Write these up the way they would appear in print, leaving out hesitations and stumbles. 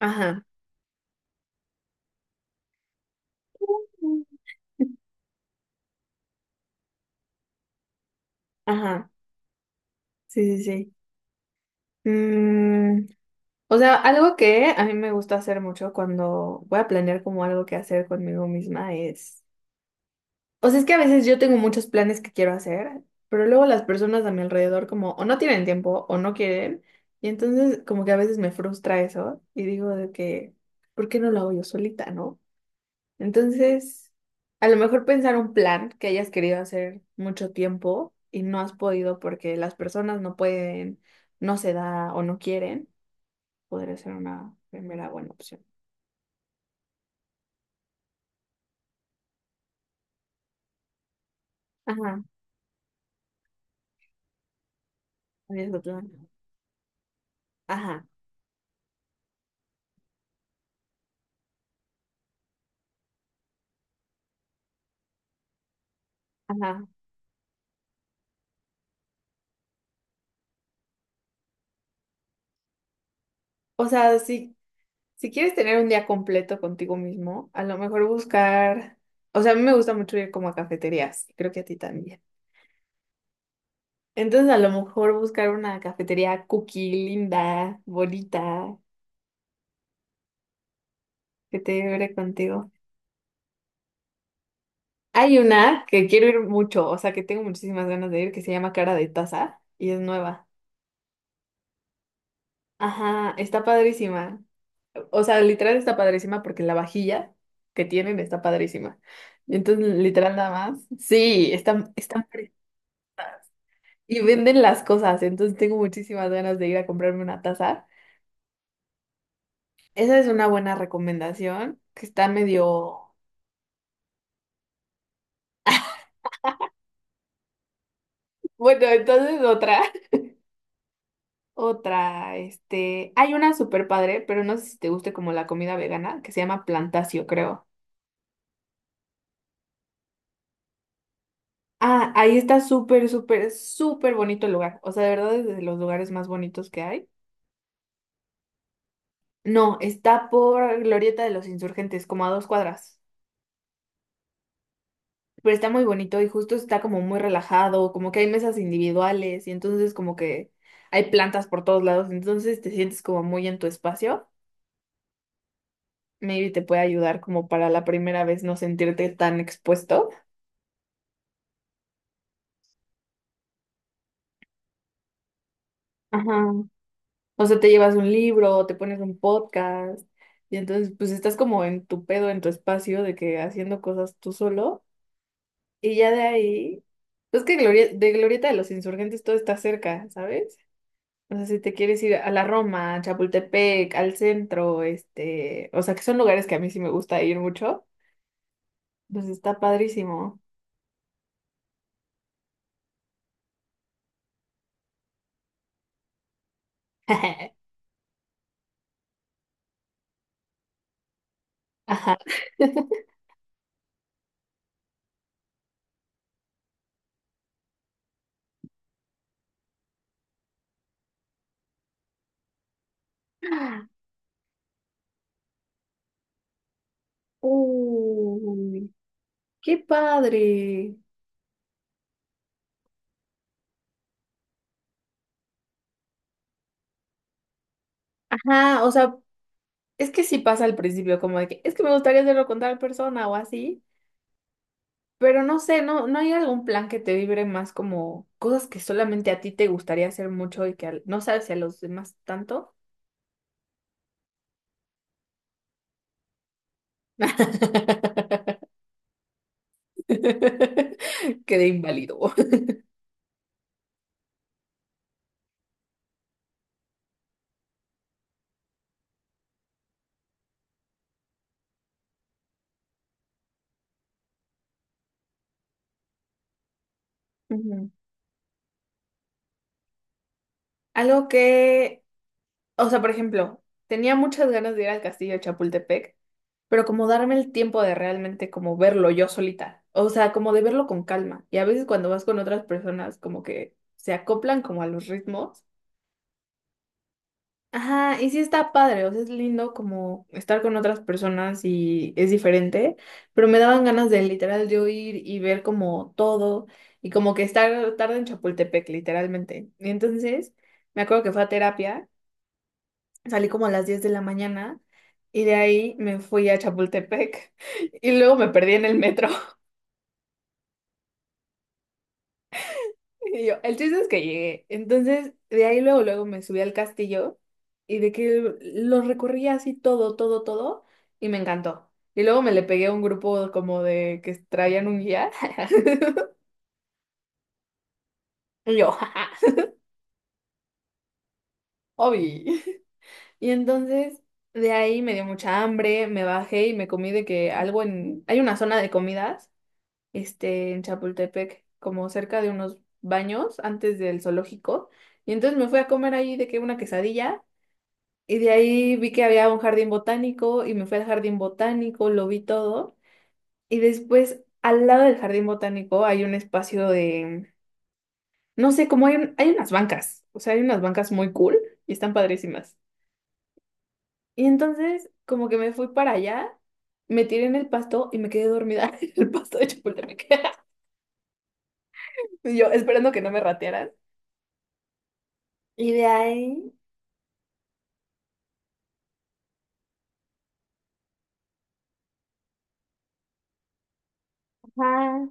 Ajá, ajá, sí, sí, sí. Mm, o sea, algo que a mí me gusta hacer mucho cuando voy a planear como algo que hacer conmigo misma es, o sea, es que a veces yo tengo muchos planes que quiero hacer, pero luego las personas a mi alrededor como o no tienen tiempo o no quieren, y entonces como que a veces me frustra eso y digo de que, ¿por qué no lo hago yo solita, no? Entonces, a lo mejor pensar un plan que hayas querido hacer mucho tiempo y no has podido porque las personas no pueden, no se da o no quieren, podría ser una primera buena opción. Ajá, es tu plan. Ajá, ajá. O sea, si quieres tener un día completo contigo mismo, a lo mejor buscar, o sea, a mí me gusta mucho ir como a cafeterías, y creo que a ti también. Entonces, a lo mejor buscar una cafetería cookie linda, bonita, que te lleve contigo. Hay una que quiero ir mucho, o sea, que tengo muchísimas ganas de ir, que se llama Cara de Taza y es nueva. Ajá, está padrísima. O sea, literal está padrísima porque la vajilla que tienen está padrísima. Entonces, literal nada más. Sí, y venden las cosas, entonces tengo muchísimas ganas de ir a comprarme una taza. Esa es una buena recomendación, que está medio... Bueno, entonces otra. Otra, hay una súper padre, pero no sé si te guste como la comida vegana, que se llama Plantacio, creo. Ah, ahí está súper, súper, súper bonito el lugar. O sea, de verdad es de los lugares más bonitos que hay. No, está por Glorieta de los Insurgentes, como a dos cuadras. Pero está muy bonito y justo está como muy relajado, como que hay mesas individuales y entonces como que hay plantas por todos lados, entonces te sientes como muy en tu espacio. Maybe te puede ayudar como para la primera vez no sentirte tan expuesto. Ajá. O sea, te llevas un libro, te pones un podcast, y entonces pues estás como en tu pedo, en tu espacio, de que haciendo cosas tú solo, y ya de ahí, pues que de Glorieta de los Insurgentes todo está cerca, ¿sabes? O sea, si te quieres ir a la Roma, a Chapultepec, al centro, o sea, que son lugares que a mí sí me gusta ir mucho, pues está padrísimo. Ajá. Uy, qué padre. Ajá, o sea, es que sí pasa al principio, como de que es que me gustaría hacerlo con tal persona o así, pero no sé, no hay algún plan que te vibre más como cosas que solamente a ti te gustaría hacer mucho y que no sabes si a los demás tanto. Quedé inválido. Ujú. Algo que... O sea, por ejemplo, tenía muchas ganas de ir al castillo de Chapultepec, pero como darme el tiempo de realmente como verlo yo solita. O sea, como de verlo con calma. Y a veces cuando vas con otras personas, como que se acoplan como a los ritmos. Ajá, y sí está padre, o sea, es lindo como estar con otras personas y es diferente, pero me daban ganas de literal yo ir y ver como todo y como que estar tarde en Chapultepec, literalmente. Y entonces me acuerdo que fue a terapia. Salí como a las 10 de la mañana y de ahí me fui a Chapultepec y luego me perdí en el metro. Y yo, el chiste es que llegué. Entonces, de ahí luego, luego me subí al castillo y de que lo recorrí así todo, todo, todo y me encantó. Y luego me le pegué a un grupo como de que traían un guía. Y yo, jaja, obvio. Y entonces de ahí me dio mucha hambre, me bajé y me comí de que algo en... Hay una zona de comidas en Chapultepec, como cerca de unos baños antes del zoológico. Y entonces me fui a comer ahí de que una quesadilla y de ahí vi que había un jardín botánico y me fui al jardín botánico, lo vi todo. Y después al lado del jardín botánico hay un espacio de, no sé, como hay, hay unas bancas, o sea, hay unas bancas muy cool y están padrísimas. Y entonces como que me fui para allá. Me tiré en el pasto y me quedé dormida en el pasto de Chapultepec. Y yo esperando que no me ratearan. Y de ahí, ajá,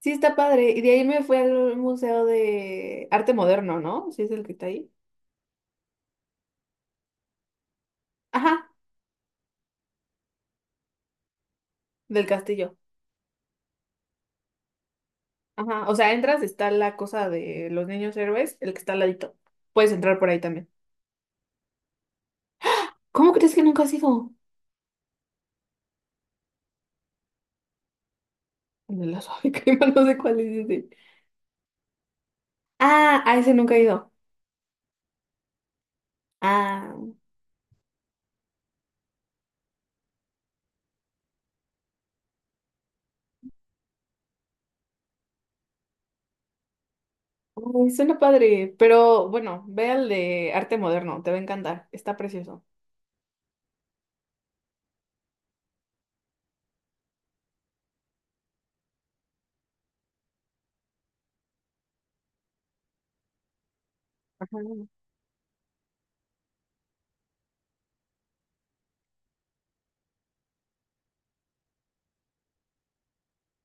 sí está padre. Y de ahí me fui al Museo de Arte Moderno, ¿no? Sí es el que está ahí. Ajá, del castillo. Ajá, o sea, entras, está la cosa de los niños héroes, el que está al ladito. Puedes entrar por ahí también. ¿Cómo crees que nunca has ido? El de la suave crema, no sé cuál es ese. Ah, a ese nunca he ido. Ah, ay, suena padre. Pero bueno, ve al de Arte Moderno, te va a encantar. Está precioso. Ajá.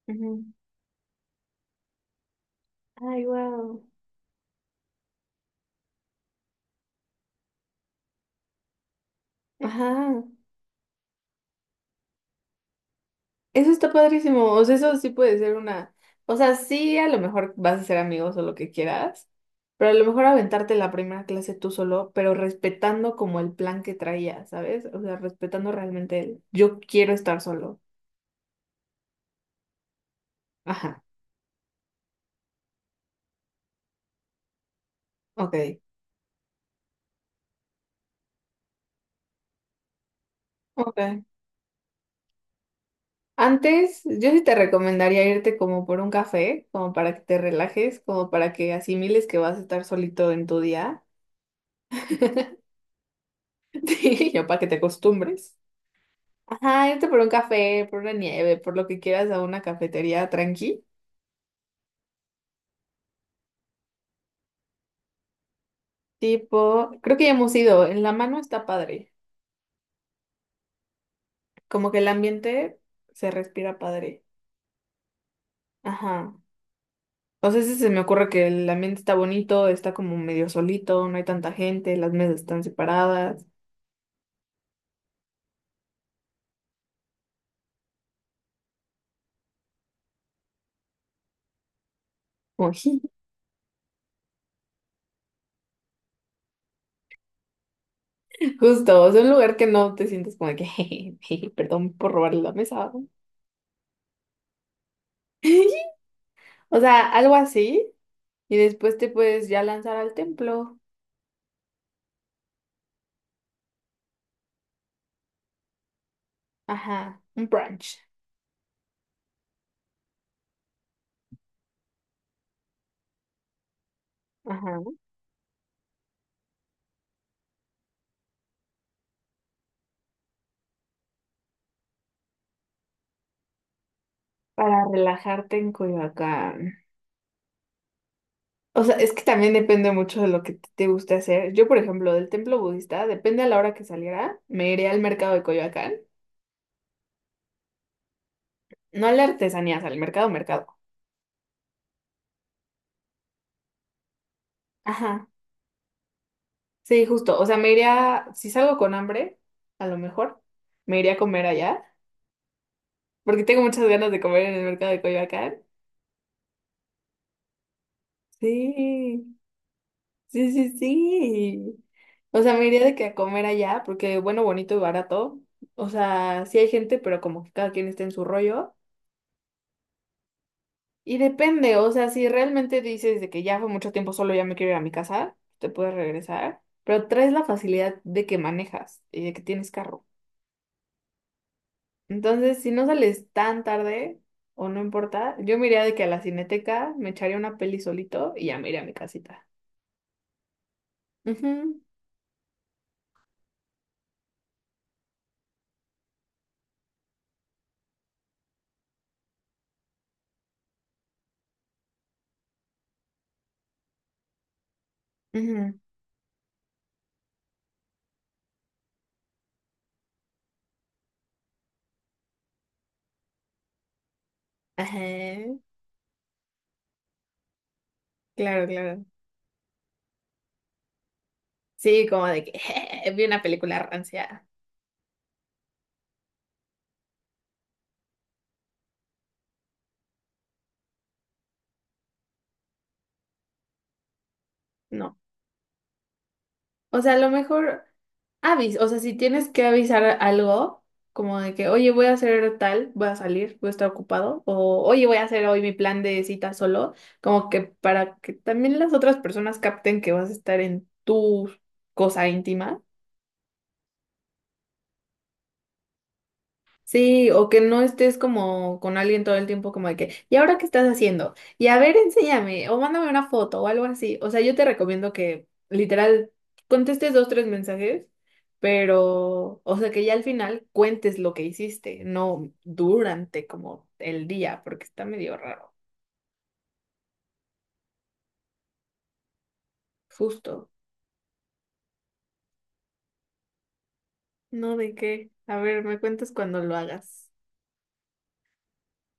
Ujú. Ay, wow. Ajá. Eso está padrísimo. O sea, eso sí puede ser una. O sea, sí, a lo mejor vas a ser amigos o lo que quieras, pero a lo mejor aventarte la primera clase tú solo, pero respetando como el plan que traías, ¿sabes? O sea, respetando realmente el yo quiero estar solo. Ajá, ok, ok. Antes, yo sí te recomendaría irte como por un café, como para que te relajes, como para que asimiles que vas a estar solito en tu día, sí, ya para que te acostumbres. Ajá, irte por un café, por una nieve, por lo que quieras a una cafetería tranqui. Tipo, creo que ya hemos ido. En la mano está padre. Como que el ambiente se respira padre. Ajá. O sea, sí se me ocurre que el ambiente está bonito, está como medio solito, no hay tanta gente, las mesas están separadas. Como, ji. Justo, o sea, un lugar que no te sientes como de que, "Jeje, perdón por robarle la mesa. O sea, algo así. Y después te puedes ya lanzar al templo. Ajá, un brunch. Ajá. Para relajarte en Coyoacán. O sea, es que también depende mucho de lo que te guste hacer. Yo, por ejemplo, del templo budista, depende a la hora que saliera, me iré al mercado de Coyoacán. No a las artesanías, al mercado, mercado. Ajá. Sí, justo. O sea, me iría, si salgo con hambre, a lo mejor, me iría a comer allá, porque tengo muchas ganas de comer en el mercado de Coyoacán. Sí. Sí, sí, sí. O sea, me iría de que a comer allá, porque bueno, bonito y barato. O sea, sí hay gente, pero como que cada quien está en su rollo. Y depende, o sea, si realmente dices de que ya fue mucho tiempo solo, ya me quiero ir a mi casa, te puedes regresar, pero traes la facilidad de que manejas y de que tienes carro. Entonces, si no sales tan tarde, o no importa, yo me iría de que a la cineteca me echaría una peli solito y ya me iría a mi casita. Ujú, ujú. Ajá, claro, claro. Sí, como de que vi una película rancia. No. O sea, a lo mejor avis, o sea, si tienes que avisar algo, como de que, oye, voy a hacer tal, voy a salir, voy a estar ocupado, o oye, voy a hacer hoy mi plan de cita solo, como que para que también las otras personas capten que vas a estar en tu cosa íntima. Sí, o que no estés como con alguien todo el tiempo como de que, ¿y ahora qué estás haciendo? Y a ver, enséñame, o mándame una foto o algo así. O sea, yo te recomiendo que literal contestes dos, tres mensajes, pero, o sea, que ya al final cuentes lo que hiciste, no durante como el día, porque está medio raro. Justo. No, ¿de qué? A ver, me cuentas cuando lo hagas.